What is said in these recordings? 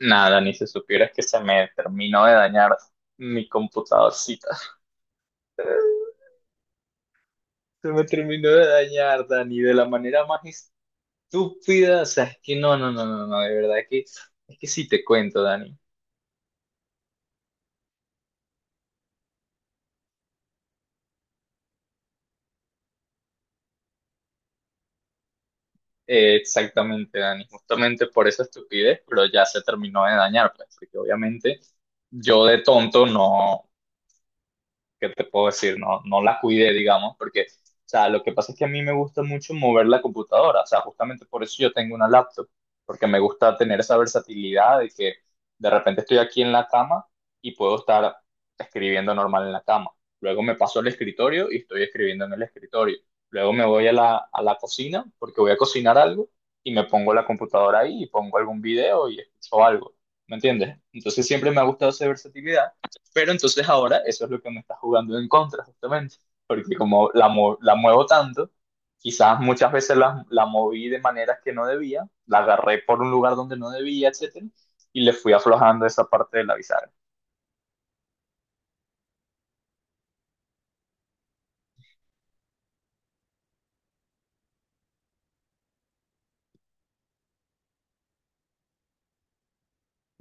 Nada, ni se supiera que se me terminó de dañar mi computadorcita. Se me terminó de dañar, Dani, de la manera más estúpida. O sea, es que no, no, no, no, no, de verdad que es que sí te cuento, Dani. Exactamente, Dani. Justamente por esa estupidez, pero ya se terminó de dañar, pues, porque obviamente yo de tonto no, ¿qué te puedo decir? No, no la cuidé, digamos, porque, o sea, lo que pasa es que a mí me gusta mucho mover la computadora, o sea, justamente por eso yo tengo una laptop, porque me gusta tener esa versatilidad de que de repente estoy aquí en la cama y puedo estar escribiendo normal en la cama. Luego me paso al escritorio y estoy escribiendo en el escritorio. Luego me voy a la cocina porque voy a cocinar algo y me pongo la computadora ahí y pongo algún video y escucho algo. ¿Me entiendes? Entonces siempre me ha gustado esa versatilidad pero entonces ahora eso es lo que me está jugando en contra, justamente. Porque como la muevo tanto, quizás muchas veces la moví de maneras que no debía, la agarré por un lugar donde no debía, etcétera, y le fui aflojando esa parte de la bisagra.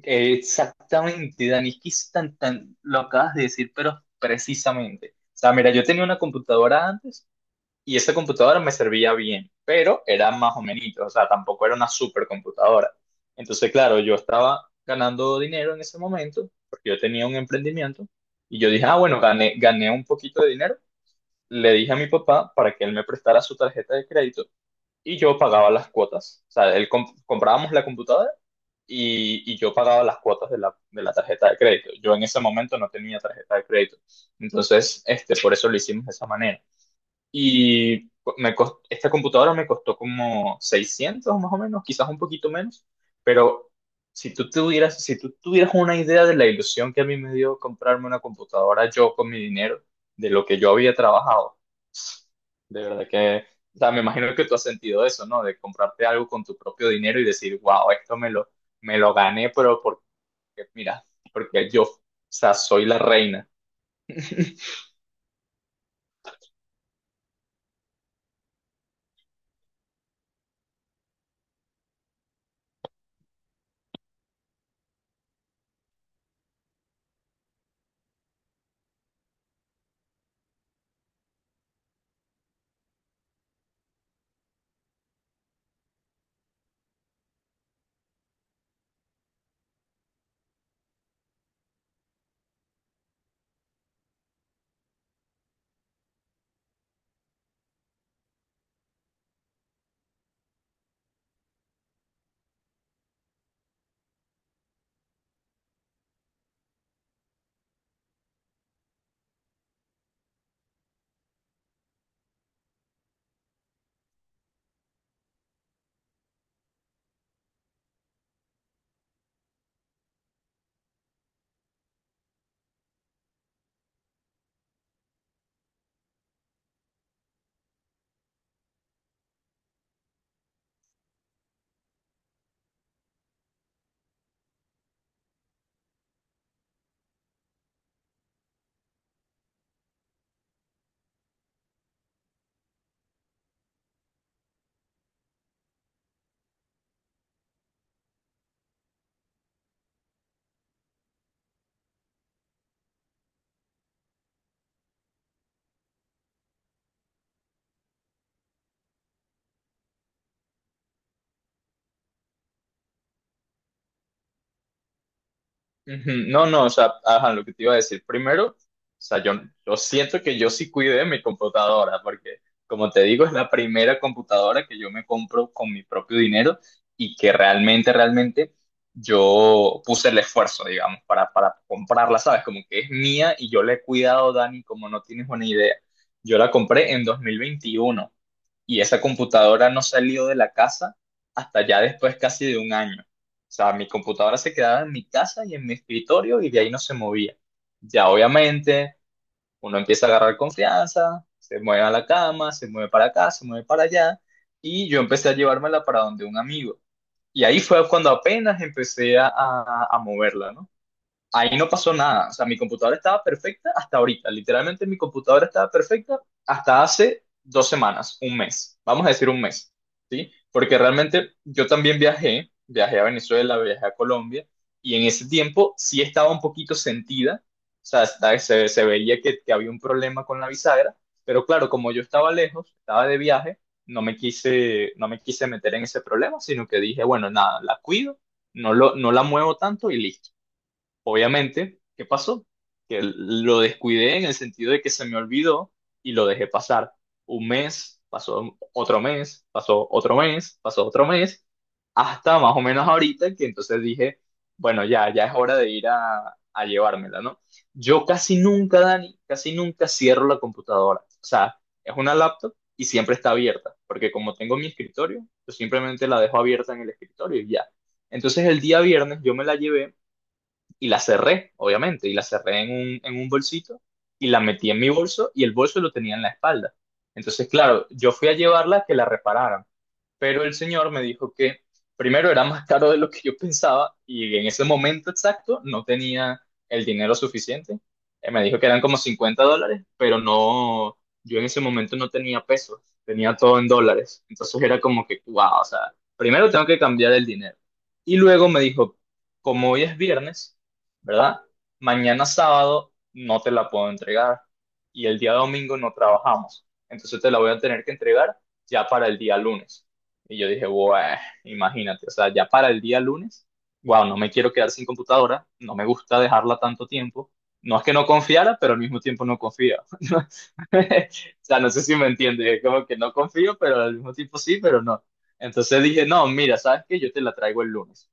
Exactamente, Dani, es que es lo acabas de decir, pero precisamente. O sea, mira, yo tenía una computadora antes y esa computadora me servía bien, pero era más o menos, o sea, tampoco era una supercomputadora. Entonces, claro, yo estaba ganando dinero en ese momento, porque yo tenía un emprendimiento, y yo dije, ah, bueno, gané un poquito de dinero. Le dije a mi papá para que él me prestara su tarjeta de crédito y yo pagaba las cuotas. O sea, él comprábamos la computadora y yo pagaba las cuotas de la tarjeta de crédito. Yo en ese momento no tenía tarjeta de crédito. Entonces, por eso lo hicimos de esa manera. Y esta computadora me costó como 600 más o menos, quizás un poquito menos, pero si tú tuvieras una idea de la ilusión que a mí me dio comprarme una computadora yo con mi dinero, de lo que yo había trabajado, de verdad que, o sea, me imagino que tú has sentido eso, ¿no? De comprarte algo con tu propio dinero y decir, wow, esto me lo gané, pero porque, mira, porque yo, o sea, soy la reina. Ujú, no, no, o sea, ajá, lo que te iba a decir primero, o sea, yo siento que yo sí cuidé mi computadora, porque como te digo, es la primera computadora que yo me compro con mi propio dinero y que realmente, realmente yo puse el esfuerzo, digamos, para comprarla, ¿sabes? Como que es mía y yo la he cuidado, Dani, como no tienes una idea. Yo la compré en 2021, y esa computadora no salió de la casa hasta ya después casi de un año. O sea, mi computadora se quedaba en mi casa y en mi escritorio y de ahí no se movía. Ya obviamente uno empieza a agarrar confianza, se mueve a la cama, se mueve para acá, se mueve para allá y yo empecé a llevármela para donde un amigo. Y ahí fue cuando apenas empecé a moverla, ¿no? Ahí no pasó nada. O sea, mi computadora estaba perfecta hasta ahorita. Literalmente mi computadora estaba perfecta hasta hace 2 semanas, un mes. Vamos a decir un mes, ¿sí? Porque realmente yo también viajé a Venezuela, viajé a Colombia, y en ese tiempo sí estaba un poquito sentida. O sea, se veía que había un problema con la bisagra, pero claro, como yo estaba lejos, estaba de viaje, no me quise meter en ese problema, sino que dije, bueno, nada, la cuido, no la muevo tanto y listo. Obviamente, ¿qué pasó? Que lo descuidé en el sentido de que se me olvidó y lo dejé pasar. Un mes, pasó otro mes, pasó otro mes, pasó otro mes, hasta más o menos ahorita que entonces dije, bueno, ya, ya es hora de ir a llevármela, ¿no? Yo casi nunca, Dani, casi nunca cierro la computadora. O sea, es una laptop y siempre está abierta, porque como tengo mi escritorio, yo simplemente la dejo abierta en el escritorio y ya. Entonces el día viernes yo me la llevé y la cerré, obviamente, y la cerré en un bolsito y la metí en mi bolso y el bolso lo tenía en la espalda. Entonces, claro, yo fui a llevarla a que la repararan pero el señor me dijo que primero era más caro de lo que yo pensaba y en ese momento exacto no tenía el dinero suficiente. Me dijo que eran como $50, pero no, yo en ese momento no tenía pesos, tenía todo en dólares. Entonces era como que, wow, o sea, primero tengo que cambiar el dinero. Y luego me dijo, como hoy es viernes, ¿verdad? Mañana sábado no te la puedo entregar y el día domingo no trabajamos. Entonces te la voy a tener que entregar ya para el día lunes. Y yo dije, wow, imagínate, o sea, ya para el día lunes, wow, no me quiero quedar sin computadora, no me gusta dejarla tanto tiempo. No es que no confiara, pero al mismo tiempo no confía. O sea, no sé si me entiende, es como que no confío, pero al mismo tiempo sí, pero no. Entonces dije, no, mira, ¿sabes qué? Yo te la traigo el lunes.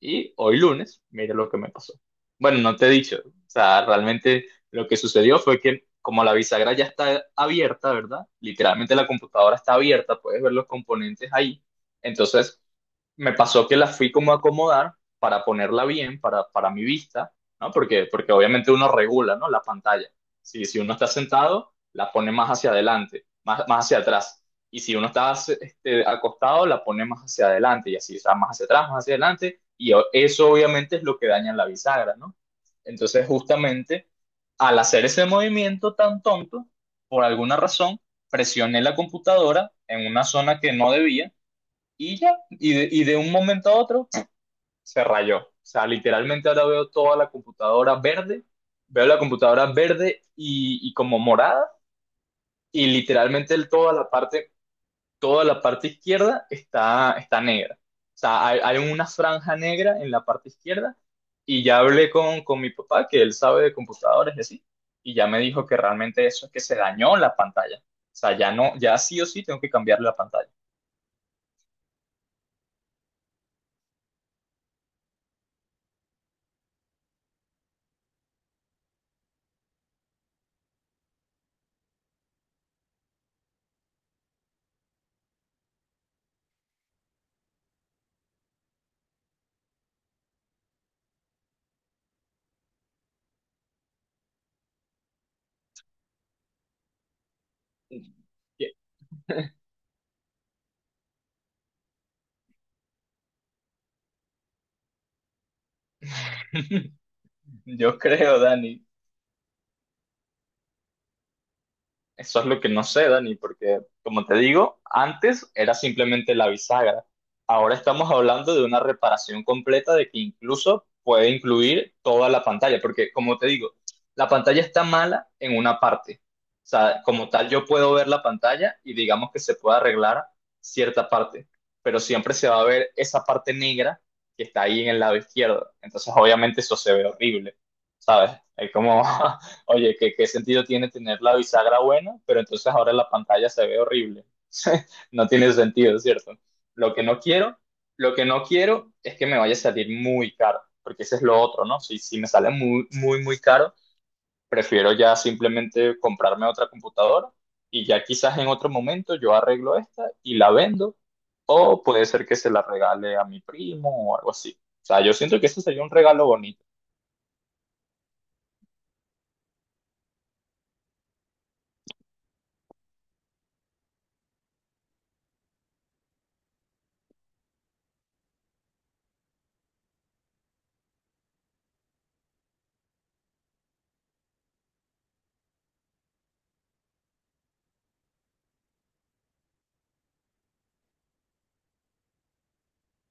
Y hoy lunes, mira lo que me pasó. Bueno, no te he dicho, o sea, realmente lo que sucedió fue que como la bisagra ya está abierta, ¿verdad? Literalmente la computadora está abierta, puedes ver los componentes ahí. Entonces, me pasó que la fui como a acomodar para ponerla bien, para mi vista, ¿no? Porque obviamente uno regula, ¿no? La pantalla. Si uno está sentado, la pone más hacia adelante, más hacia atrás. Y si uno está acostado, la pone más hacia adelante y así, o sea, más hacia atrás, más hacia adelante. Y eso obviamente es lo que daña la bisagra, ¿no? Entonces, justamente, al hacer ese movimiento tan tonto, por alguna razón, presioné la computadora en una zona que no debía y ya, y de un momento a otro se rayó. O sea, literalmente ahora veo toda la computadora verde, veo la computadora verde y como morada, y literalmente toda la parte izquierda está negra. O sea, hay una franja negra en la parte izquierda, y ya hablé con mi papá, que él sabe de computadores y así, y ya me dijo que realmente eso es que se dañó la pantalla. O sea, ya no, ya sí o sí tengo que cambiar la pantalla. Yo creo, Dani. Eso es lo que no sé, Dani, porque como te digo, antes era simplemente la bisagra. Ahora estamos hablando de una reparación completa de que incluso puede incluir toda la pantalla, porque como te digo, la pantalla está mala en una parte. O sea, como tal, yo puedo ver la pantalla y digamos que se puede arreglar cierta parte, pero siempre se va a ver esa parte negra que está ahí en el lado izquierdo. Entonces, obviamente eso se ve horrible, ¿sabes? Es como Oye, ¿qué sentido tiene tener la bisagra buena, pero entonces ahora la pantalla se ve horrible? No tiene sentido, ¿cierto? Lo que no quiero, lo que no quiero es que me vaya a salir muy caro, porque ese es lo otro, ¿no? Si me sale muy, muy, muy caro, prefiero ya simplemente comprarme otra computadora y ya quizás en otro momento yo arreglo esta y la vendo, o puede ser que se la regale a mi primo o algo así. O sea, yo siento que eso sería un regalo bonito.